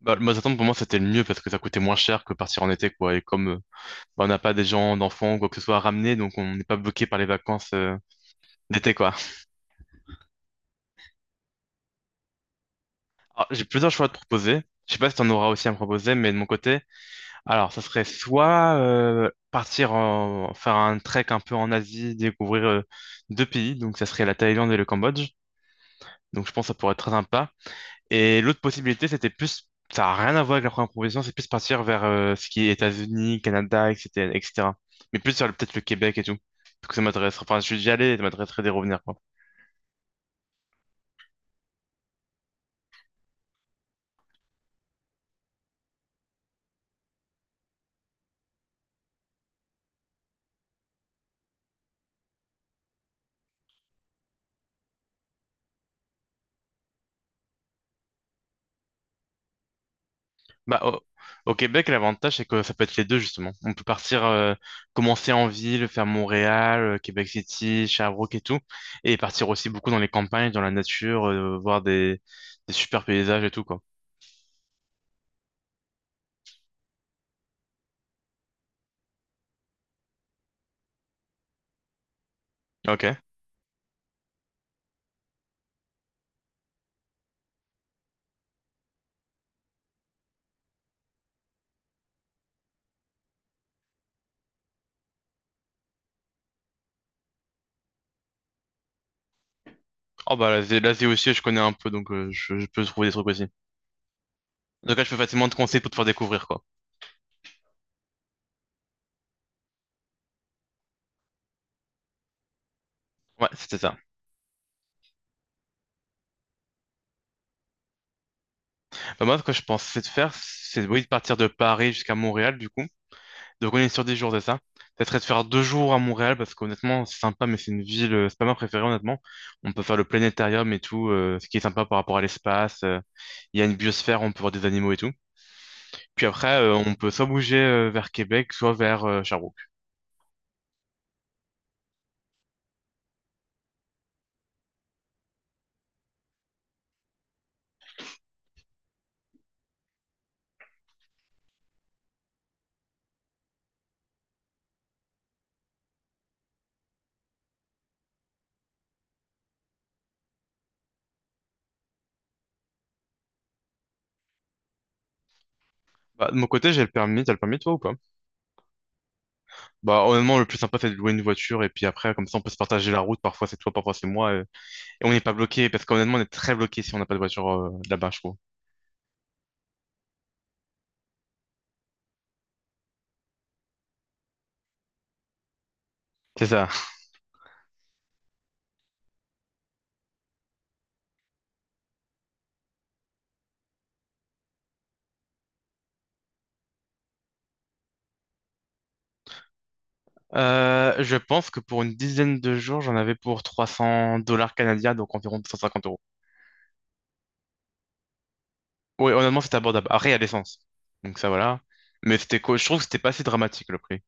Bah, le Mazatlan, pour moi, c'était le mieux parce que ça coûtait moins cher que partir en été, quoi. Et comme on n'a pas des gens, d'enfants ou quoi que ce soit à ramener, donc on n'est pas bloqué par les vacances d'été, quoi. Alors, j'ai plusieurs choix à te proposer. Je sais pas si t'en auras aussi à me proposer, mais de mon côté, alors, ça serait soit partir en... faire un trek un peu en Asie, découvrir 2 pays, donc ça serait la Thaïlande et le Cambodge. Donc, je pense que ça pourrait être très sympa. Et l'autre possibilité, c'était plus, ça n'a rien à voir avec la première proposition, c'est plus partir vers ce qui est États-Unis, Canada, etc., etc. Mais plus sur peut-être le Québec et tout. Parce que ça m'intéresse. Enfin, je suis déjà allé, ça m'intéresserait d'y revenir, quoi. Bah, au, au Québec, l'avantage, c'est que ça peut être les deux, justement. On peut partir, commencer en ville, faire Montréal, Québec City, Sherbrooke et tout. Et partir aussi beaucoup dans les campagnes, dans la nature, voir des super paysages et tout, quoi. Ok. Oh, bah, l'Asie aussi, je connais un peu, donc je peux trouver des trucs aussi. Donc là, je peux facilement te conseiller pour te faire découvrir, quoi. Ouais, c'était ça. Bah, moi, ce que je pensais de faire, c'est oui, de partir de Paris jusqu'à Montréal, du coup. Donc, on est sur 10 jours, c'est ça. Ça serait de faire 2 jours à Montréal, parce qu'honnêtement, c'est sympa, mais c'est une ville, c'est pas ma préférée, honnêtement. On peut faire le planétarium et tout, ce qui est sympa par rapport à l'espace. Il y a une biosphère, on peut voir des animaux et tout. Puis après, on peut soit bouger vers Québec, soit vers Sherbrooke. Bah, de mon côté, j'ai le permis, t'as le permis, toi, ou pas? Bah, honnêtement, le plus sympa, c'est de louer une voiture, et puis après, comme ça, on peut se partager la route. Parfois, c'est toi, parfois, c'est moi. Et on n'est pas bloqué, parce qu'honnêtement, on est très bloqué si on n'a pas de voiture là-bas, je trouve. C'est ça. Je pense que pour une dizaine de jours, j'en avais pour 300 dollars canadiens, donc environ 250 euros. Oui, honnêtement, c'était abordable. Après, il y a l'essence. Donc ça, voilà. Mais c'était quoi? Je trouve que c'était pas si dramatique le prix.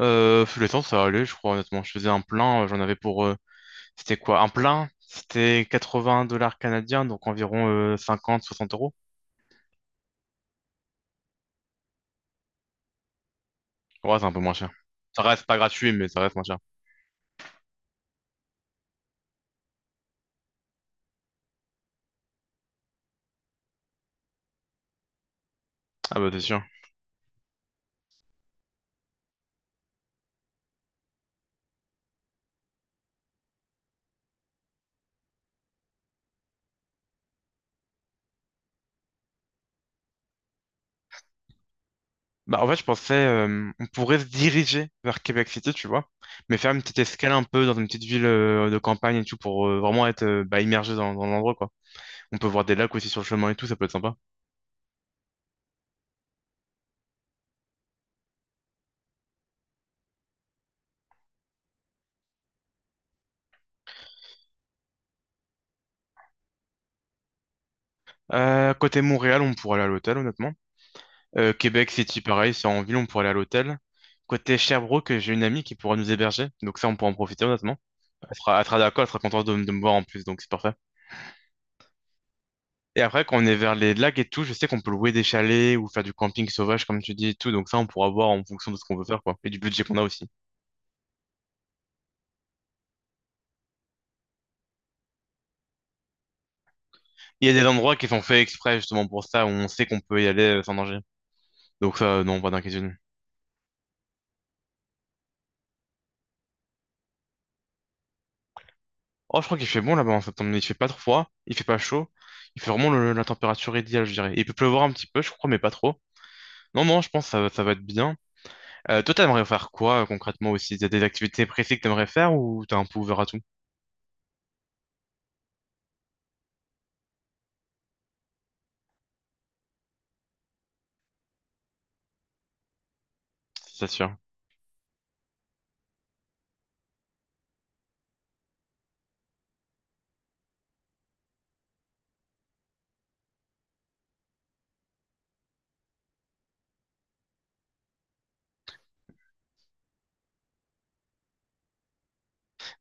L'essence, ça allait, je crois, honnêtement. Je faisais un plein, j'en avais pour. C'était quoi? Un plein, c'était 80 dollars canadiens, donc environ 50, 60 euros. Ouais, c'est un peu moins cher. Ça reste pas gratuit, mais ça reste moins cher. Ah bah, c'est sûr. Bah, en fait, je pensais, on pourrait se diriger vers Québec City, tu vois, mais faire une petite escale un peu dans une petite ville de campagne et tout pour vraiment être immergé dans l'endroit, quoi. On peut voir des lacs aussi sur le chemin et tout, ça peut être sympa. Côté Montréal, on pourrait aller à l'hôtel, honnêtement. Québec City, pareil, c'est en ville, on pourrait aller à l'hôtel. Côté Sherbrooke, j'ai une amie qui pourra nous héberger, donc ça, on pourra en profiter, honnêtement. Elle sera d'accord, elle sera contente de me voir en plus, donc c'est parfait. Et après, quand on est vers les lacs et tout, je sais qu'on peut louer des chalets ou faire du camping sauvage, comme tu dis et tout. Donc ça, on pourra voir en fonction de ce qu'on veut faire, quoi. Et du budget qu'on a aussi. Il y a des endroits qui sont faits exprès, justement, pour ça, où on sait qu'on peut y aller sans danger. Donc ça, non, pas d'inquiétude. Oh, je crois qu'il fait bon là-bas en septembre. Il fait pas trop froid, il fait pas chaud. Il fait vraiment la température idéale, je dirais. Il peut pleuvoir un petit peu, je crois, mais pas trop. Non, non, je pense que ça va être bien. Toi, t'aimerais faire quoi, concrètement, aussi? T'as des activités précises que t'aimerais faire ou t'es un peu ouvert à tout? C'est sûr.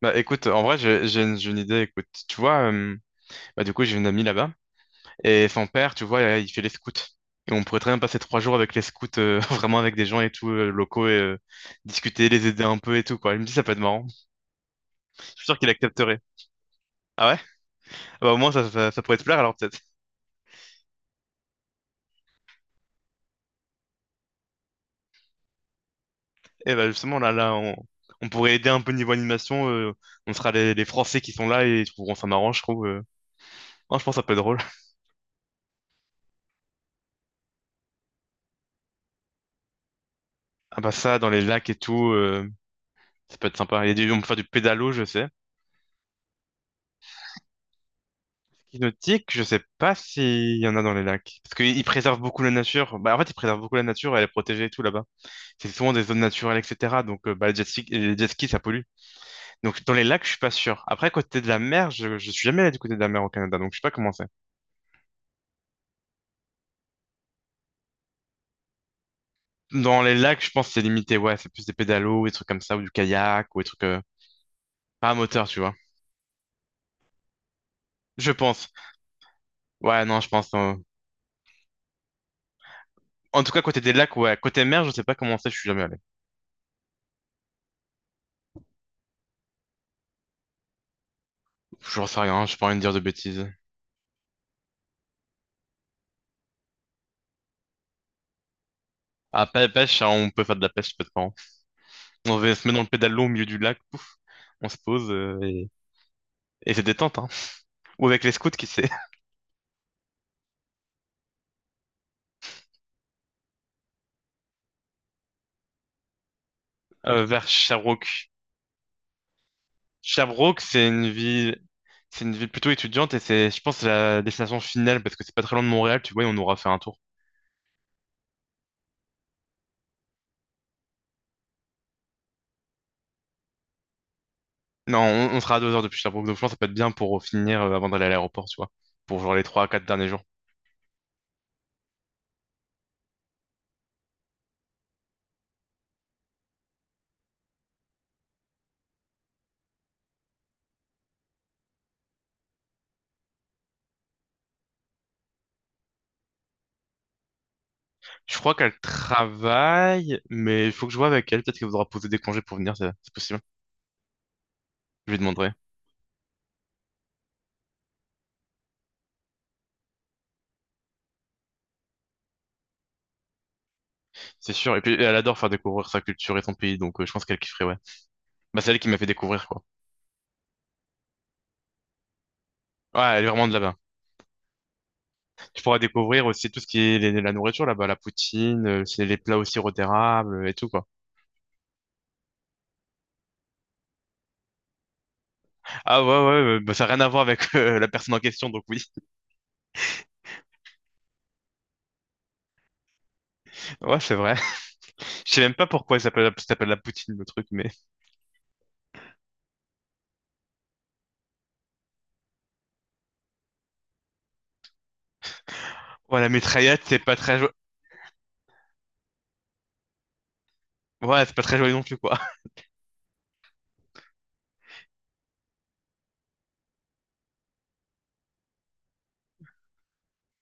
Bah écoute, en vrai, j'ai une idée, écoute. Tu vois, bah du coup, j'ai une amie là-bas, et son père, tu vois, il fait les scouts. Et on pourrait très bien passer 3 jours avec les scouts, vraiment avec des gens et tout, locaux, et discuter, les aider un peu et tout, quoi. Il me dit, ça peut être marrant. Je suis sûr qu'il accepterait. Ah ouais? Ah bah au moins, ça pourrait te plaire, alors peut-être. Et bah justement, on pourrait aider un peu niveau animation, on sera les Français qui sont là, et ils trouveront ça marrant, je trouve. Non, je pense que ça peut être drôle. Ah bah ça, dans les lacs et tout, ça peut être sympa. Il y a du, on peut faire du pédalo, je sais. Hypnotique, je sais pas s'il y en a dans les lacs. Parce qu'ils préservent beaucoup la nature. Bah, en fait, ils préservent beaucoup la nature, elle est protégée et tout là-bas. C'est souvent des zones naturelles, etc. Donc, les jet skis, ça pollue. Donc, dans les lacs, je suis pas sûr. Après, côté de la mer, je suis jamais allé du côté de la mer au Canada, donc je sais pas comment c'est. Dans les lacs, je pense que c'est limité, ouais. C'est plus des pédalos, des trucs comme ça, ou du kayak, ou des trucs pas à moteur, tu vois. Je pense. Ouais, non, je pense. En tout cas, côté des lacs, ouais. Côté mer, je sais pas comment c'est, je suis jamais allé. Je sais rien, j'ai pas envie de dire de bêtises. Ah, pêche, hein, on peut faire de la pêche, peut-être. On se met dans le pédalo au milieu du lac, on se pose et c'est détente. Hein. Ou avec les scouts, qui sait, vers Sherbrooke. Sherbrooke, c'est une ville plutôt étudiante et c'est, je pense, c'est la destination finale parce que c'est pas très loin de Montréal, tu vois, et on aura fait un tour. Non, on sera à 2 heures depuis Sherbrooke, donc je pense que ça peut être bien pour finir avant d'aller à l'aéroport, tu vois, pour genre les 3 à 4 derniers jours. Je crois qu'elle travaille, mais il faut que je vois avec elle. Peut-être qu'elle voudra poser des congés pour venir, c'est possible. Je lui demanderai, c'est sûr. Et puis elle adore faire découvrir sa culture et son pays, donc je pense qu'elle kifferait, ouais. Bah, c'est elle qui m'a fait découvrir, quoi. Ouais, elle est vraiment de là-bas. Tu pourras découvrir aussi tout ce qui est la nourriture là-bas, la poutine, c'est les plats au sirop d'érable et tout, quoi. Ah ouais, ouais, ça n'a rien à voir avec la personne en question, donc oui. Ouais, c'est vrai. Je sais même pas pourquoi ça s'appelle la poutine, le truc, mais... Ouais, la mitraillette, c'est pas très... ouais, c'est pas très joli non plus, quoi.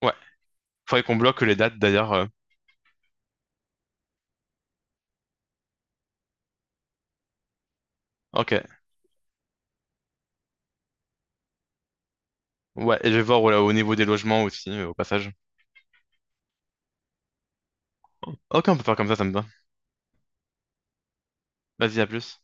Ouais, faudrait qu'on bloque les dates, d'ailleurs. Ok. Ouais, et je vais voir voilà, au niveau des logements aussi, au passage. Ok, on peut faire comme ça me va. Vas-y, à plus.